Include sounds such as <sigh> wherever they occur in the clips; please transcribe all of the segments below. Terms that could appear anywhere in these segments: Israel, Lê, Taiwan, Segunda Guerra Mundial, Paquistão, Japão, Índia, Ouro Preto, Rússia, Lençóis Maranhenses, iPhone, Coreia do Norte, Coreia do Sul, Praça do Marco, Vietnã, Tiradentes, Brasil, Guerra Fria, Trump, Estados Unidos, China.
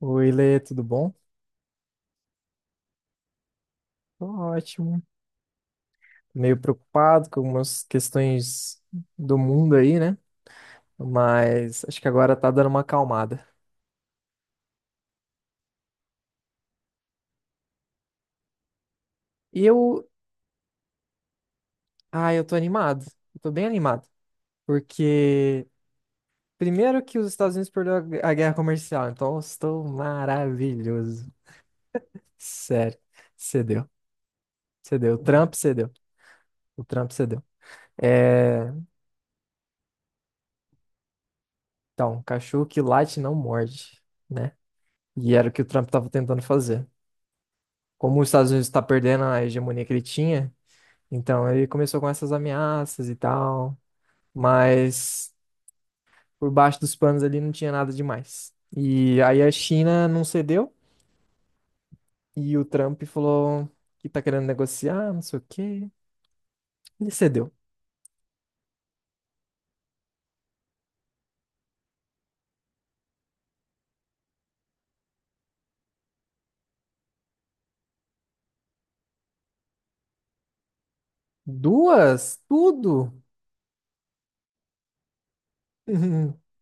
Oi, Lê, tudo bom? Tô ótimo. Meio preocupado com algumas questões do mundo aí, né? Mas acho que agora tá dando uma acalmada. E eu, ah, eu tô animado. Eu tô bem animado, porque primeiro que os Estados Unidos perdeu a guerra comercial, então eu estou maravilhoso. Sério, cedeu. Cedeu. O Trump cedeu. O Trump cedeu. É, então, cachorro que late não morde, né? E era o que o Trump tava tentando fazer. Como os Estados Unidos está perdendo a hegemonia que ele tinha, então ele começou com essas ameaças e tal, mas por baixo dos panos ali não tinha nada demais. E aí a China não cedeu e o Trump falou que tá querendo negociar, não sei o quê. Ele cedeu. Duas, tudo. <laughs>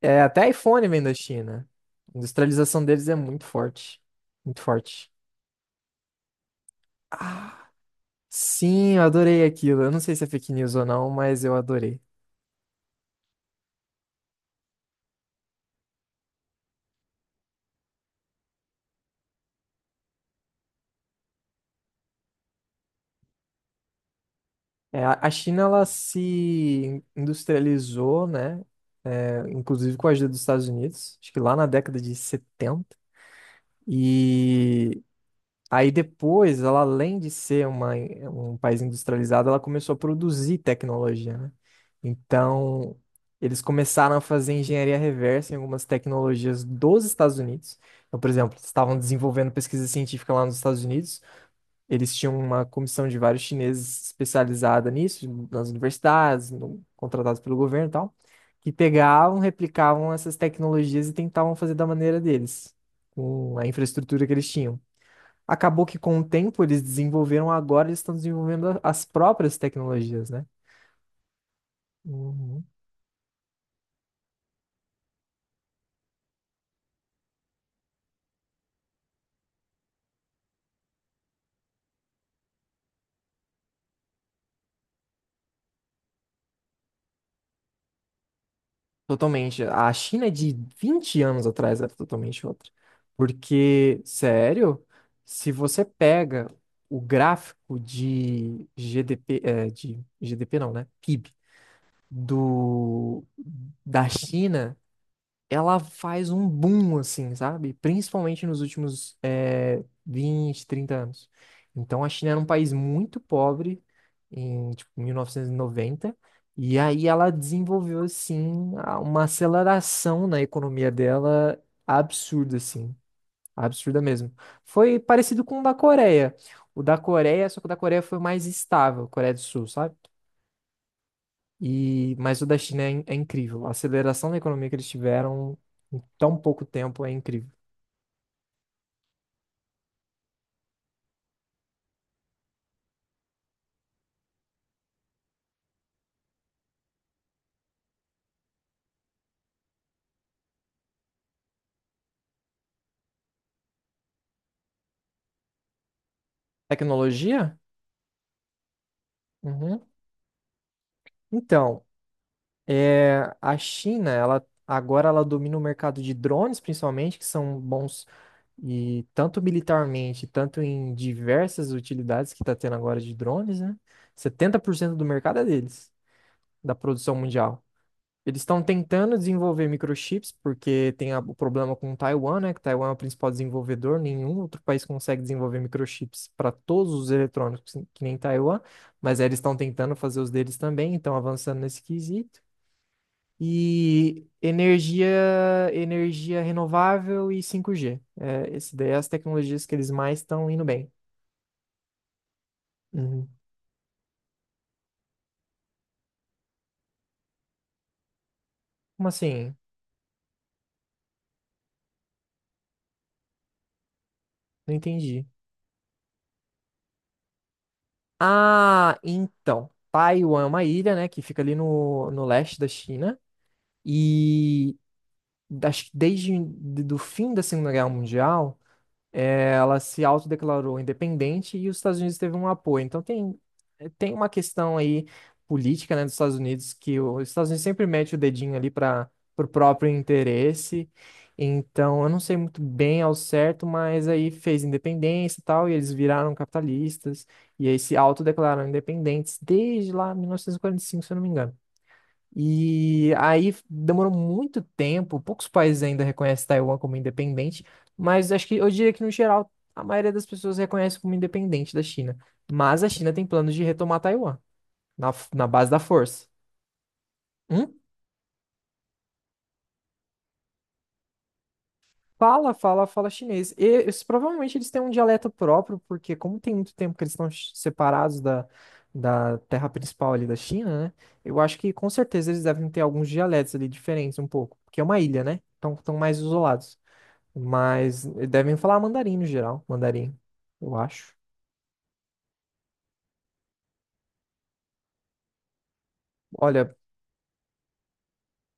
É, até iPhone vem da China. A industrialização deles é muito forte. Muito forte. Ah, sim, eu adorei aquilo. Eu não sei se é fake news ou não, mas eu adorei. É, a China ela se industrializou, né? É, inclusive com a ajuda dos Estados Unidos, acho que lá na década de 70. E aí depois, ela além de ser um país industrializado, ela começou a produzir tecnologia, né? Então, eles começaram a fazer engenharia reversa em algumas tecnologias dos Estados Unidos. Então, por exemplo, eles estavam desenvolvendo pesquisa científica lá nos Estados Unidos. Eles tinham uma comissão de vários chineses especializada nisso, nas universidades, contratados pelo governo e tal, que pegavam, replicavam essas tecnologias e tentavam fazer da maneira deles, com a infraestrutura que eles tinham. Acabou que com o tempo eles desenvolveram, agora eles estão desenvolvendo as próprias tecnologias, né? Uhum. Totalmente. A China é de 20 anos atrás era totalmente outra. Porque, sério, se você pega o gráfico de GDP, de GDP não, né? PIB do, da China ela faz um boom, assim, sabe? Principalmente nos últimos 20, 30 anos. Então, a China era um país muito pobre em, tipo, 1990, e 90, e aí ela desenvolveu, assim, uma aceleração na economia dela absurda, assim, absurda mesmo. Foi parecido com o da Coreia. O da Coreia, só que o da Coreia foi mais estável, Coreia do Sul, sabe? E, mas o da China é, é incrível. A aceleração da economia que eles tiveram em tão pouco tempo é incrível. Tecnologia? Uhum. Então, é, a China, ela agora ela domina o mercado de drones, principalmente, que são bons e tanto militarmente, tanto em diversas utilidades que está tendo agora de drones, né? 70% do mercado é deles, da produção mundial. Eles estão tentando desenvolver microchips, porque tem o problema com Taiwan, né? Que Taiwan é o principal desenvolvedor, nenhum outro país consegue desenvolver microchips para todos os eletrônicos, que nem Taiwan, mas aí eles estão tentando fazer os deles também, estão avançando nesse quesito. E energia, energia renovável e 5G. É, esse daí é as tecnologias que eles mais estão indo bem. Uhum. Como assim? Não entendi. Ah, então. Taiwan é uma ilha, né, que fica ali no leste da China. E acho que desde do fim da Segunda Guerra Mundial, ela se autodeclarou independente e os Estados Unidos teve um apoio. Então tem, tem uma questão aí política, né, dos Estados Unidos que os Estados Unidos sempre mete o dedinho ali para o próprio interesse. Então, eu não sei muito bem ao certo, mas aí fez independência e tal, e eles viraram capitalistas, e aí se autodeclararam independentes desde lá 1945, se eu não me engano. E aí demorou muito tempo, poucos países ainda reconhecem Taiwan como independente, mas acho que eu diria que no geral a maioria das pessoas reconhece como independente da China. Mas a China tem planos de retomar Taiwan na, na base da força. Hum? Fala chinês. E eles- provavelmente eles têm um dialeto próprio, porque como tem muito tempo que eles estão separados da, da terra principal ali da China, né? Eu acho que com certeza eles devem ter alguns dialetos ali diferentes um pouco, porque é uma ilha, né? Então estão mais isolados. Mas devem falar mandarim no geral, mandarim, eu acho. Olha,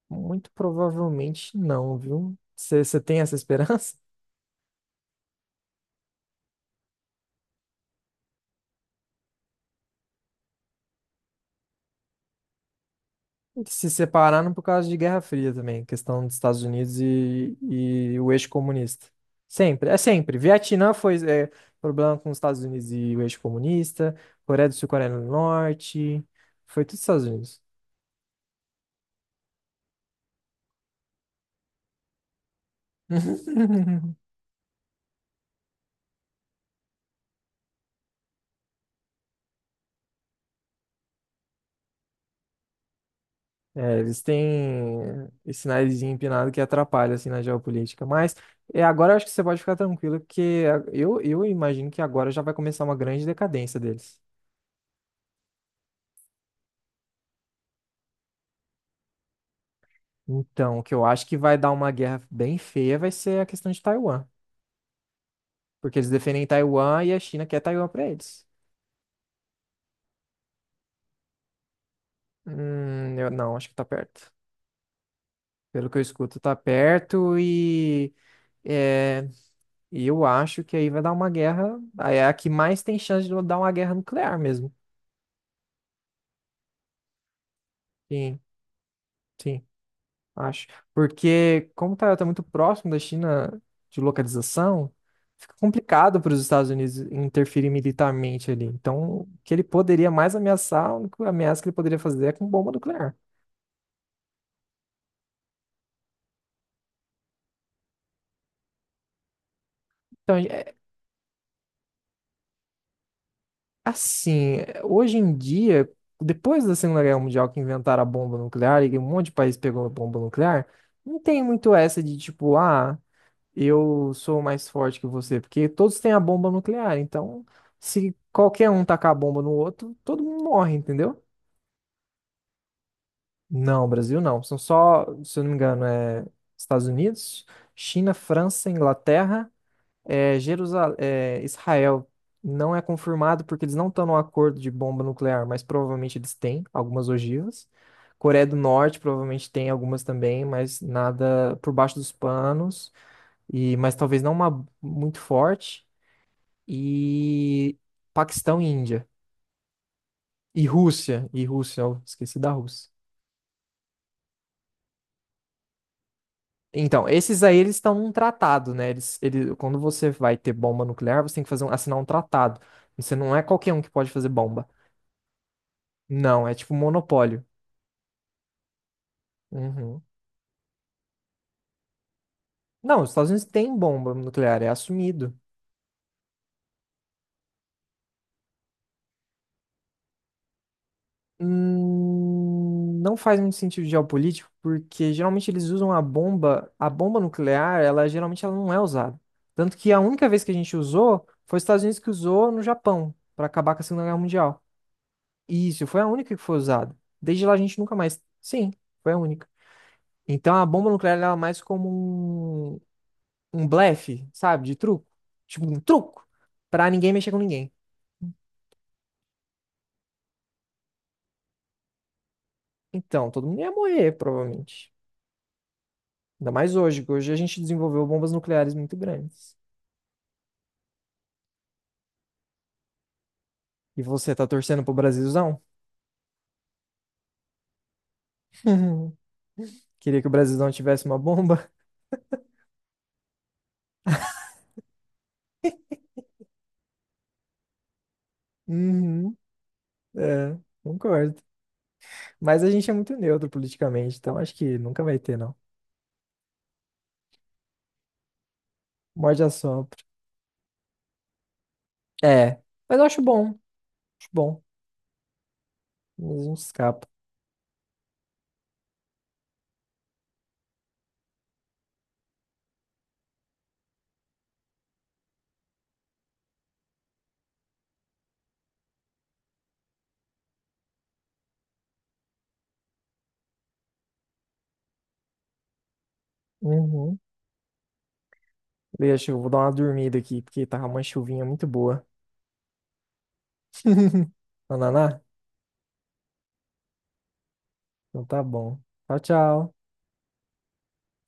muito provavelmente não, viu? Você tem essa esperança? <laughs> Eles se separaram por causa de Guerra Fria também, questão dos Estados Unidos e o eixo comunista. Sempre, é sempre. Vietnã foi é, problema com os Estados Unidos e o eixo comunista, Coreia do Sul, Coreia do Norte, foi tudo Estados Unidos. <laughs> É, eles têm esse narizinho empinado que atrapalha, assim, na geopolítica. Mas é, agora eu acho que você pode ficar tranquilo, porque eu imagino que agora já vai começar uma grande decadência deles. Então, o que eu acho que vai dar uma guerra bem feia vai ser a questão de Taiwan. Porque eles defendem Taiwan e a China quer Taiwan pra eles. Eu não, acho que tá perto. Pelo que eu escuto, tá perto e é, e eu acho que aí vai dar uma guerra. Aí é a que mais tem chance de dar uma guerra nuclear mesmo. Sim, sim. Acho. Porque como o Taiwan está muito próximo da China de localização, fica complicado para os Estados Unidos interferir militarmente ali. Então, o que ele poderia mais ameaçar, a única ameaça que ele poderia fazer é com bomba nuclear. Então, é, assim, é, hoje em dia, depois da Segunda Guerra Mundial que inventaram a bomba nuclear e um monte de país pegou a bomba nuclear, não tem muito essa de tipo, ah. Eu sou mais forte que você, porque todos têm a bomba nuclear, então se qualquer um tacar a bomba no outro, todo mundo morre, entendeu? Não, Brasil não. São só, se eu não me engano, é Estados Unidos, China, França, Inglaterra, é, é, Israel. Não é confirmado porque eles não estão num acordo de bomba nuclear, mas provavelmente eles têm algumas ogivas. Coreia do Norte provavelmente tem algumas também, mas nada por baixo dos panos e mas talvez não uma muito forte. E Paquistão e Índia. E Rússia. E Rússia, eu esqueci da Rússia. Então, esses aí eles estão num tratado, né? Quando você vai ter bomba nuclear, você tem que fazer assinar um tratado. Você não é qualquer um que pode fazer bomba. Não, é tipo monopólio. Uhum. Não, os Estados Unidos têm bomba nuclear, é assumido. Não faz muito sentido geopolítico, porque geralmente eles usam a bomba, ela geralmente ela não é usada. Tanto que a única vez que a gente usou foi os Estados Unidos que usou no Japão, para acabar com a Segunda Guerra Mundial. E isso, foi a única que foi usada. Desde lá a gente nunca mais. Sim, foi a única. Então a bomba nuclear ela é mais como um blefe, sabe, de truco. Tipo um truco, pra ninguém mexer com ninguém. Então, todo mundo ia morrer, provavelmente. Ainda mais hoje, que hoje a gente desenvolveu bombas nucleares muito grandes. E você tá torcendo pro Brasilzão? <laughs> Queria que o Brasilzão tivesse uma bomba? Uhum, é, concordo. Mas a gente é muito neutro politicamente, então acho que nunca vai ter, não. Morde a sopra. É, mas eu acho bom. Acho bom. Mas a gente escapa. Uhum. Deixa, eu vou dar uma dormida aqui, porque tava uma chuvinha muito boa. <laughs> Ananá? Então tá bom. Tchau, tchau.